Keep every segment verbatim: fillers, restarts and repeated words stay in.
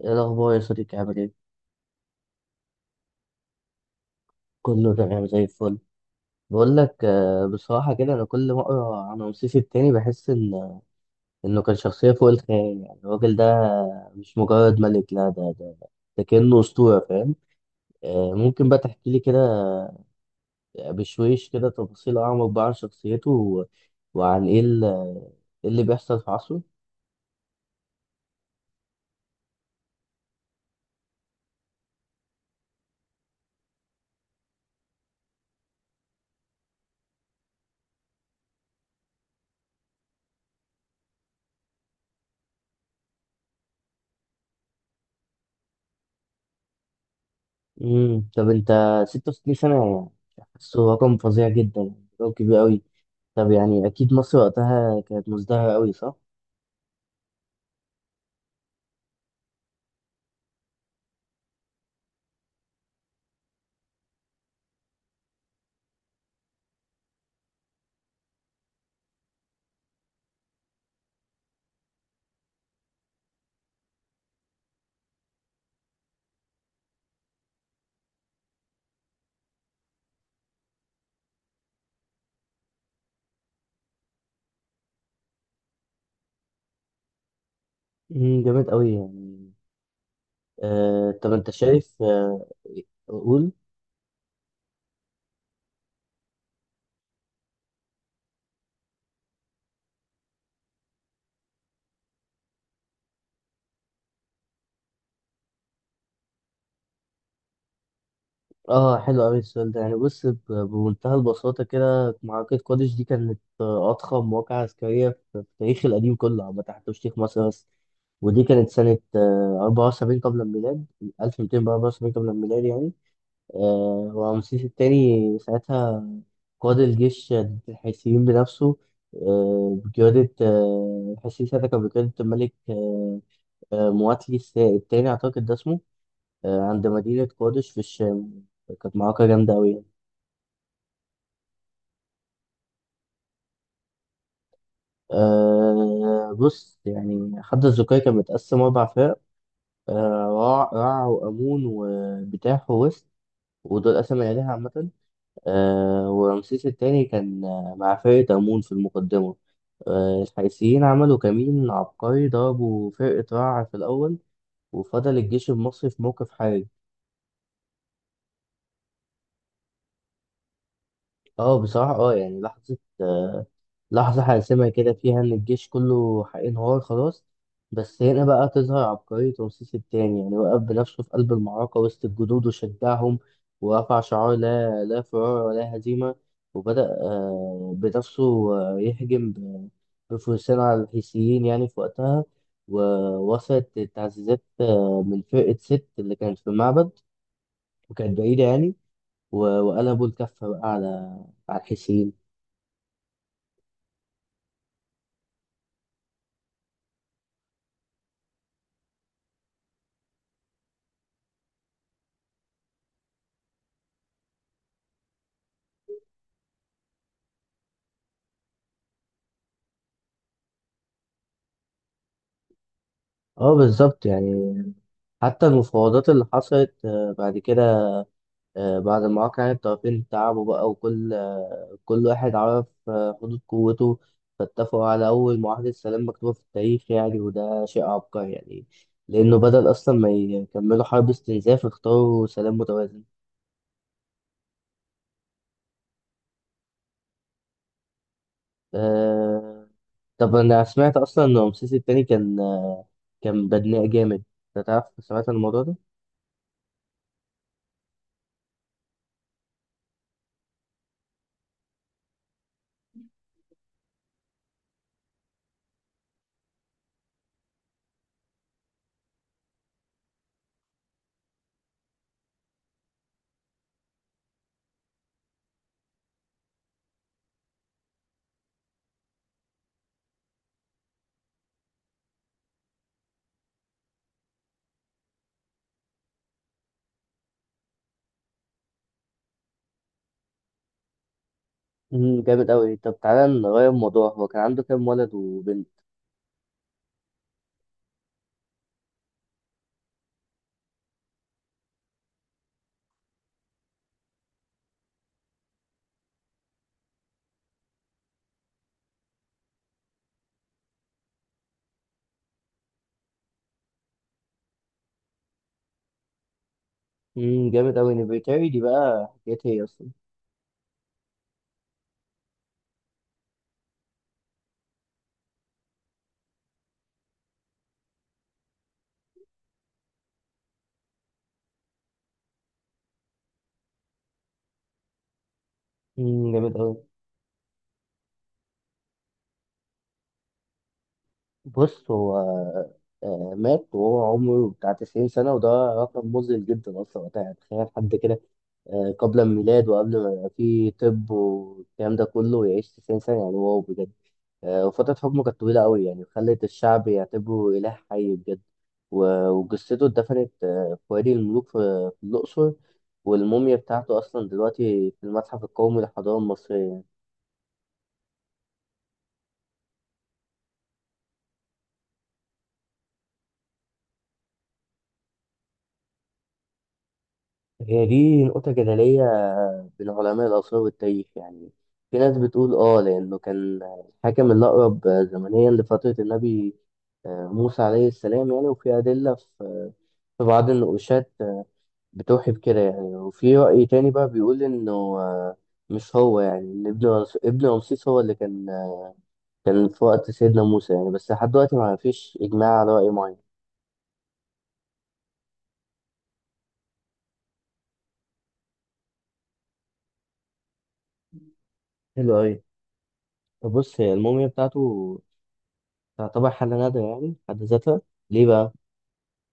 ايه الاخبار يا صديقي؟ عامل ايه؟ كله تمام زي الفل. بقول لك آه، بصراحه كده انا كل ما اقرا عن رمسيس التاني بحس ان انه كان شخصيه فوق الخيال، يعني الراجل ده مش مجرد ملك، لا، ده ده ده كانه اسطوره، فاهم؟ آه، ممكن بقى تحكي لي كده، آه، بشويش كده، تفاصيل اعمق بقى عن شخصيته و- وعن ايه ال- إيه اللي بيحصل في عصره؟ امم طب انت، ستة وستين سنه، يعني حاسه رقم فظيع جدا، يعني رقم كبير قوي. طب يعني اكيد مصر وقتها كانت مزدهره قوي، صح؟ مم، جامد قوي يعني. آه، طب انت شايف؟ آه قول. اه، حلو قوي السؤال ده. يعني بص، ب- بمنتهى البساطة كده، معركة قادش دي كانت، آه، أضخم واقعة عسكرية في في التاريخ القديم كله عامة، حتى مش تاريخ مصر بس. ودي كانت سنة آه، أربعة وسبعين قبل الميلاد، ألف ومئتين وأربعة وسبعين قبل الميلاد يعني. آه، ورمسيس الثاني ساعتها قاد الجيش ضد الحيثيين بنفسه. آه، بقيادة آه، الحيثيين ساعتها كان بقيادة الملك آه، آه، مواتلي الس- التاني، أعتقد ده اسمه، آه، عند مدينة قادش في الشام. كانت معركة جامدة أوي يعني. أه بص، يعني حد الزكاية كان متقسم أربع فرق: أه، رع رع وأمون وبتاح ووست، ودول قسم العيلة عامة. أه، ورمسيس التاني كان آه، مع فرقة أمون في المقدمة. أه، الحيثيين عملوا كمين عبقري، ضربوا فرقة رع في الأول وفضل الجيش المصري في موقف حرج. اه بصراحة اه، يعني لحظة، آه، لحظة حاسمة كده، فيها إن الجيش كله هينهار خلاص. بس هنا بقى تظهر عبقرية رمسيس التاني، يعني وقف بنفسه في قلب المعركة وسط الجنود وشجعهم، ورفع شعار لا، لا فرار ولا هزيمة، وبدأ آه، بنفسه آه، يهجم ب- بفرسان على الحيثيين يعني في وقتها. ووصلت التعزيزات آه، من فرقة ست اللي كانت في المعبد، وكانت بعيدة يعني، و- وقلبوا الكفة بقى على على الحيثيين. اه بالظبط يعني. حتى المفاوضات اللي حصلت آه، بعد كده، آه، بعد ما وقع يعني الطرفين تعبوا بقى، وكل آه، كل واحد عرف آه، حدود قوته، فاتفقوا على أول معاهدة سلام مكتوبة في التاريخ يعني، وده شيء عبقري يعني، لأنه بدل أصلا ما يكملوا حرب استنزاف اختاروا سلام متوازن. آه، طب أنا سمعت أصلا إن رمسيس التاني كان آه، كان بدناء جامد. أنت تعرف؟ سمعت عن الموضوع ده؟ مم، جامد أوي. طب تعالى نغير الموضوع، هو كان عنده كام ولد وبنت؟ امم، جامد أوي. نفرتاري دي بقى حكايتها إيه أصلا؟ امم، جامد أوي. بص هو، آه، مات وهو عمره بتاع تسعين سنة، وده رقم مذهل جدا أصلا وقتها يعني. تخيل حد كده آه، قبل الميلاد وقبل ما يبقى فيه طب والكلام ده كله، يعيش تسعين سنة؟ يعني واو بجد. آه، وفترة حكمه كانت طويلة أوي، يعني خلت الشعب يعتبره إله حي بجد. و- وجثته اتدفنت آه، في وادي الملوك في في الأقصر، والموميا بتاعته أصلا دلوقتي في المتحف القومي للحضارة المصرية. هي دي نقطة جدلية بين علماء الآثار والتاريخ يعني. في ناس بتقول آه، لأنه كان الحاكم الأقرب زمنيا لفترة النبي آه، موسى عليه السلام يعني، وفي أدلة في في بعض النقوشات آه، بتوحي بكده يعني. وفي رأي تاني بقى بيقول إنه آه، مش هو، يعني إن ابن رمس- ابن رمسيس هو اللي كان آه، كان في وقت سيدنا موسى يعني. بس لحد دلوقتي ما فيش إجماع على رأي معين. حلو أوي. طب بص، هي الموميا بتاعته تعتبر حالة نادرة يعني في حد ذاتها. ليه بقى؟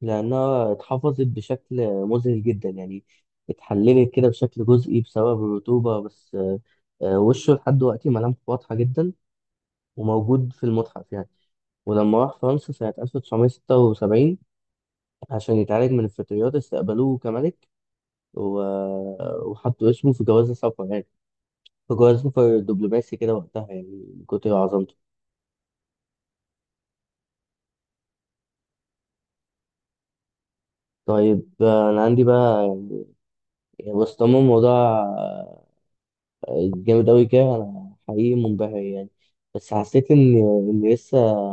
لأنها اتحفظت بشكل مذهل جدا يعني، اتحللت كده بشكل جزئي بسبب الرطوبة بس، آه، آه، وشه لحد دلوقتي ملامحه واضحة جدا وموجود في المتحف يعني. ولما راح فرنسا سنة ألف وتسعمية وستة وسبعين عشان يتعالج من الفطريات استقبلوه كملك، و... وحطوا اسمه في جواز السفر يعني، في جواز سفر دبلوماسي كده وقتها، يعني من كتر عظمته. طيب، آه، أنا عندي بقى، يعني بس طالما الموضوع جامد أوي كده أنا حقيقي منبهر يعني، بس حسيت إن إن لسه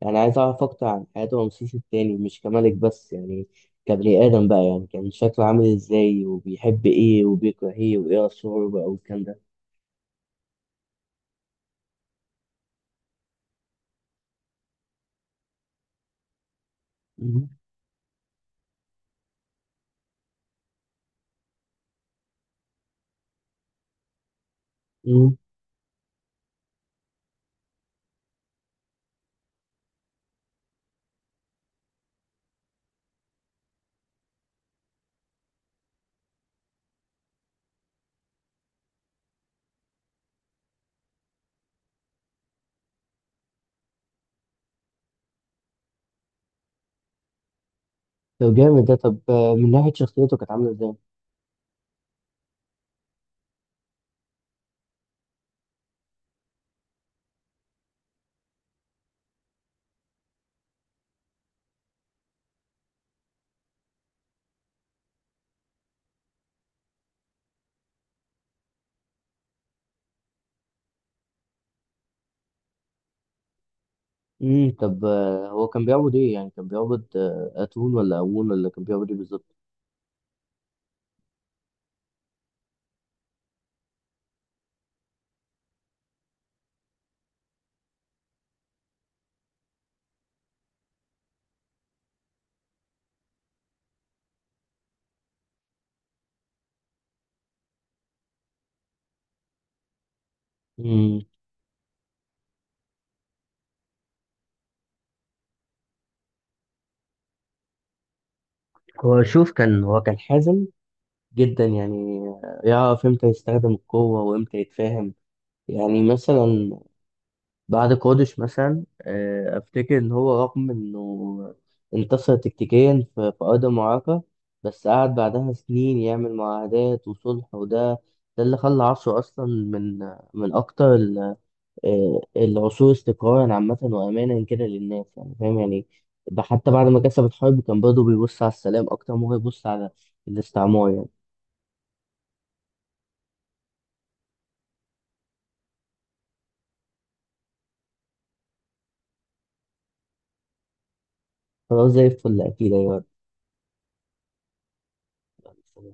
يعني عايز أعرف أكتر عن حياة رمسيس التاني، مش كملك بس يعني، كبني آدم بقى يعني. كان شكله عامل إزاي؟ وبيحب إيه وبيكره إيه وإيه أسراره بقى والكلام ده. مم. مم. طب جامد ده. طب آه، من ناحية شخصيته كانت عاملة إزاي؟ مم. طب آه، هو كان بيعبد إيه؟ يعني كان بيعبد آه، أتون ولا أمون ولا كان بيعبد إيه بالظبط؟ مم. هو شوف، كان هو كان حازم جدا يعني، يعرف امتى يستخدم القوة وامتى يتفاهم. يعني مثلا بعد قادش مثلا، آه، افتكر ان هو رغم انه انتصر تكتيكيا في في ارض المعركة، بس قعد بعدها سنين يعمل معاهدات وصلح، وده ده اللي خلى عصره اصلا من من اكتر ال- آه، العصور استقرارا عامة، وامانا كده للناس، يعني فاهم يعني. حتى بعد ما كسب الحرب كان برضه بيبص على السلام اكتر ما هو يبص على الاستعمار يعني. خلاص زي الفل، أكيد. أيوة.